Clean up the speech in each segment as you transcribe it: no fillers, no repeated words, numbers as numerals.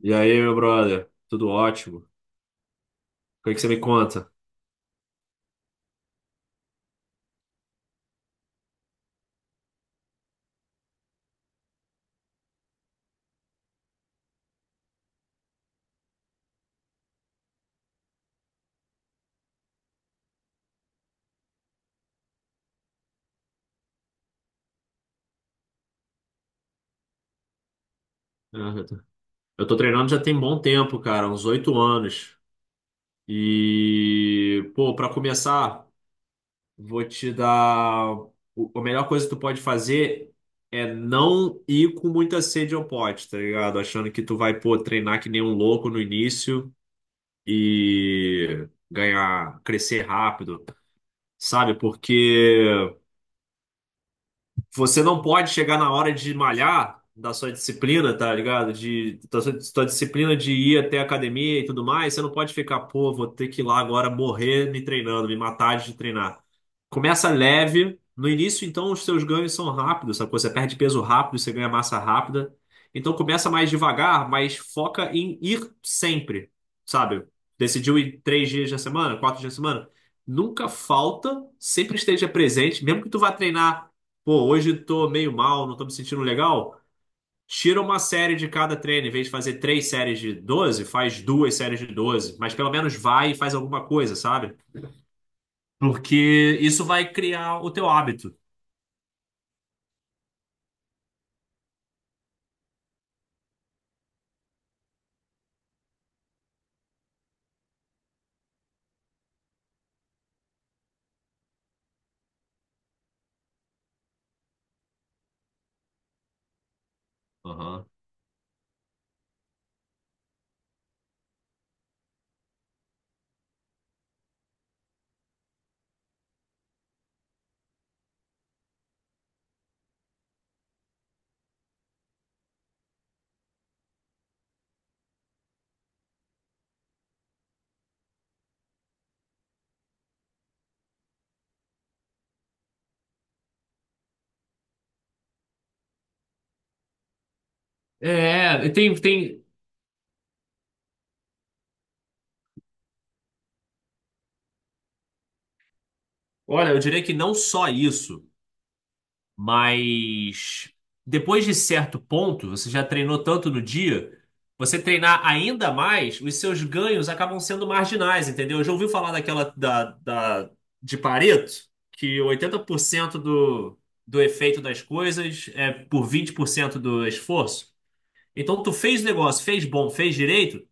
E aí, meu brother? Tudo ótimo? O que é que você me conta? Ah, Eu tô eu tô treinando já tem bom tempo, cara, uns 8 anos. E, pô, pra começar, vou te dar. A melhor coisa que tu pode fazer é não ir com muita sede ao pote, tá ligado? Achando que tu vai, pô, treinar que nem um louco no início e ganhar, crescer rápido, sabe? Porque. Você não pode chegar na hora de malhar da sua disciplina, tá ligado? Da sua disciplina de ir até a academia e tudo mais. Você não pode ficar, pô, vou ter que ir lá agora morrer me treinando, me matar de treinar. Começa leve. No início, então, os seus ganhos são rápidos, sabe? Você perde peso rápido, você ganha massa rápida. Então, começa mais devagar, mas foca em ir sempre, sabe? Decidiu ir 3 dias da semana, 4 dias da semana? Nunca falta, sempre esteja presente, mesmo que tu vá treinar. Pô, hoje tô meio mal, não tô me sentindo legal. Tira uma série de cada treino. Em vez de fazer 3 séries de 12, faz 2 séries de 12. Mas pelo menos vai e faz alguma coisa, sabe? Porque isso vai criar o teu hábito. Aham. É, tem, tem. Olha, eu diria que não só isso. Mas depois de certo ponto, você já treinou tanto no dia, você treinar ainda mais, os seus ganhos acabam sendo marginais, entendeu? Já ouviu falar daquela de Pareto, que 80% do efeito das coisas é por 20% do esforço? Então, tu fez o negócio, fez bom, fez direito,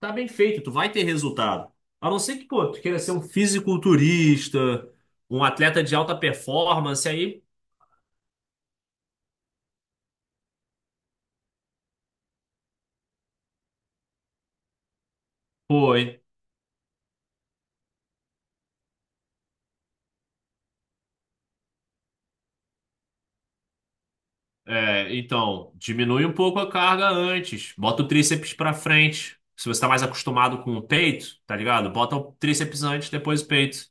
tá bem feito, tu vai ter resultado. A não ser que, pô, tu queira ser um fisiculturista, um atleta de alta performance, aí. Pô, é, então, diminui um pouco a carga antes. Bota o tríceps pra frente. Se você tá mais acostumado com o peito, tá ligado? Bota o tríceps antes, depois o peito.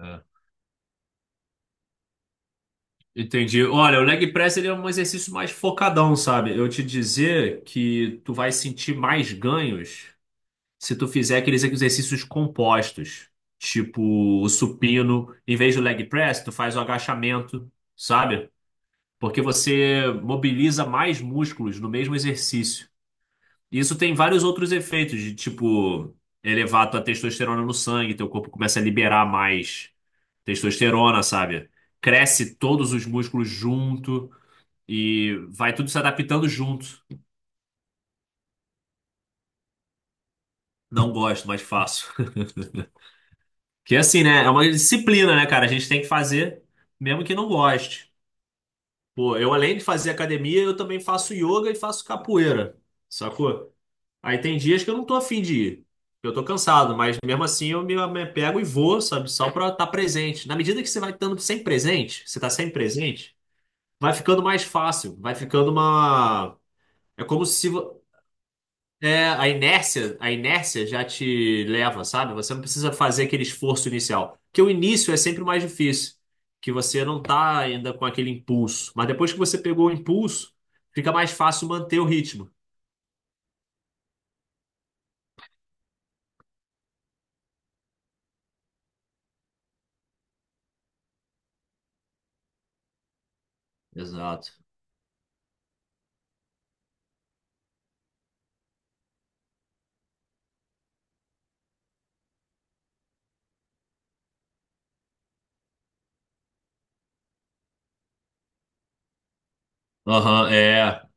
É. Entendi. Olha, o leg press ele é um exercício mais focadão, sabe? Eu te dizer que tu vai sentir mais ganhos se tu fizer aqueles exercícios compostos, tipo o supino, em vez do leg press, tu faz o agachamento, sabe? Porque você mobiliza mais músculos no mesmo exercício. Isso tem vários outros efeitos, de tipo, elevar tua testosterona no sangue, teu corpo começa a liberar mais testosterona, sabe? Cresce todos os músculos junto e vai tudo se adaptando junto. Não gosto, mas faço. Que é assim, né? É uma disciplina, né, cara? A gente tem que fazer, mesmo que não goste. Pô, eu além de fazer academia, eu também faço yoga e faço capoeira, sacou? Aí tem dias que eu não tô afim de ir. Eu tô cansado, mas mesmo assim eu me pego e vou, sabe? Só pra estar presente. Na medida que você vai estando sem presente, você tá sem presente, vai ficando mais fácil, vai ficando uma. É como se vo- É, a inércia já te leva, sabe? Você não precisa fazer aquele esforço inicial. Porque o início é sempre o mais difícil, que você não tá ainda com aquele impulso. Mas depois que você pegou o impulso, fica mais fácil manter o ritmo. Exato. Aham, é.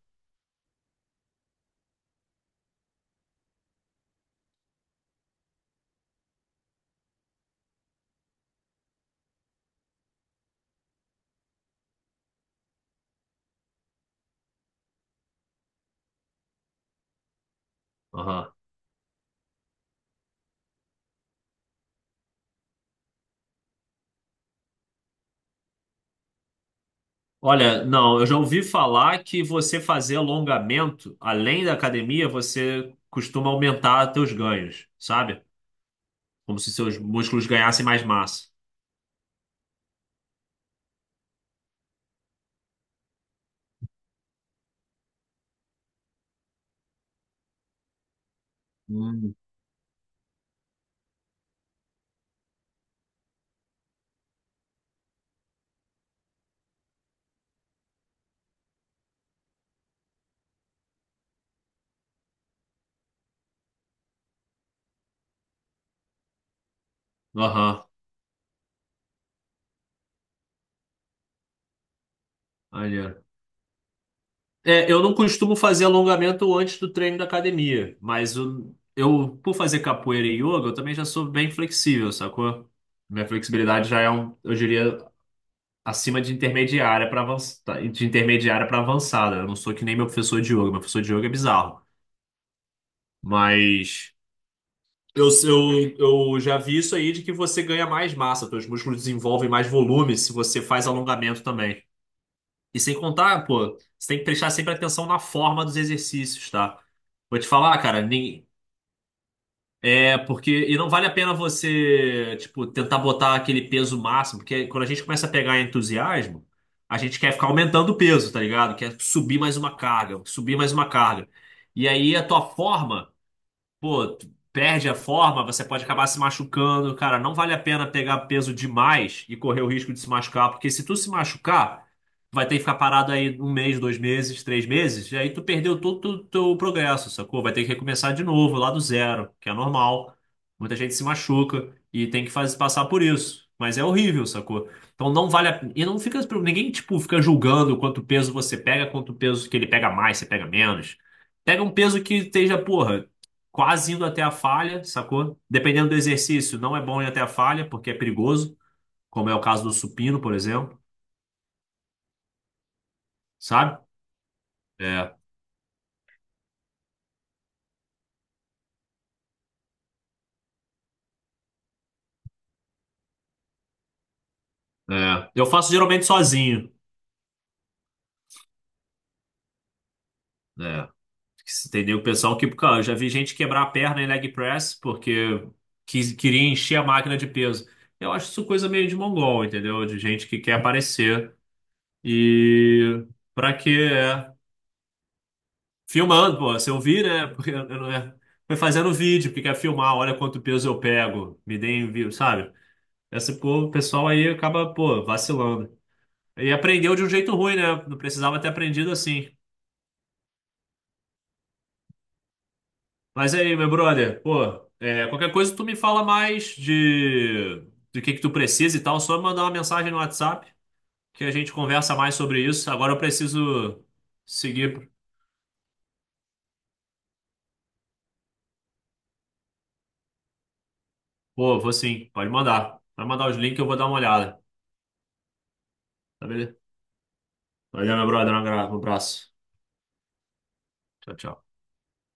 Aham. Olha, não, eu já ouvi falar que você fazer alongamento, além da academia, você costuma aumentar seus ganhos, sabe? Como se seus músculos ganhassem mais massa. Hum. Aham, maneiro. É, eu não costumo fazer alongamento antes do treino da academia, mas eu, por fazer capoeira e yoga, eu também já sou bem flexível, sacou? Minha flexibilidade já é um, eu diria, acima de intermediária para avançada, de intermediária para avançada. Eu não sou que nem meu professor de yoga, meu professor de yoga é bizarro. Mas eu, eu, eu já vi isso aí de que você ganha mais massa, seus músculos desenvolvem mais volume se você faz alongamento também. E sem contar, pô, você tem que prestar sempre atenção na forma dos exercícios, tá? Vou te falar, cara, nem, é porque e não vale a pena você, tipo, tentar botar aquele peso máximo, porque quando a gente começa a pegar entusiasmo, a gente quer ficar aumentando o peso, tá ligado? Quer subir mais uma carga, subir mais uma carga. E aí a tua forma pô, tu perde a forma, você pode acabar se machucando. Cara, não vale a pena pegar peso demais e correr o risco de se machucar, porque se tu se machucar, vai ter que ficar parado aí 1 mês, 2 meses, 3 meses, e aí tu perdeu todo o teu progresso, sacou? Vai ter que recomeçar de novo, lá do zero, que é normal. Muita gente se machuca e tem que fazer, passar por isso. Mas é horrível, sacou? Então não vale a pena. E não fica. Ninguém, tipo, fica julgando quanto peso você pega, quanto peso que ele pega mais, você pega menos. Pega um peso que esteja, porra, quase indo até a falha, sacou? Dependendo do exercício, não é bom ir até a falha, porque é perigoso, como é o caso do supino, por exemplo, sabe? É, é. Eu faço geralmente sozinho, né? Entendeu? O pessoal que, cara, eu já vi gente quebrar a perna em leg press porque queria encher a máquina de peso. Eu acho isso coisa meio de mongol, entendeu? De gente que quer aparecer e pra quê? É. Filmando, pô, se eu vi, né? Porque eu não é. Foi fazendo vídeo, porque quer filmar, olha quanto peso eu pego, me deem vídeo, sabe? Essa, pô, o pessoal aí acaba, pô, vacilando. E aprendeu de um jeito ruim, né? Não precisava ter aprendido assim. Mas aí, meu brother, pô, é, qualquer coisa tu me fala mais de do que tu precisa e tal, só mandar uma mensagem no WhatsApp que a gente conversa mais sobre isso. Agora eu preciso seguir. Pô, vou sim, pode mandar. Vai mandar os links que eu vou dar uma olhada. Tá beleza? Valeu, meu brother. Um abraço. Um abraço. Tchau, tchau.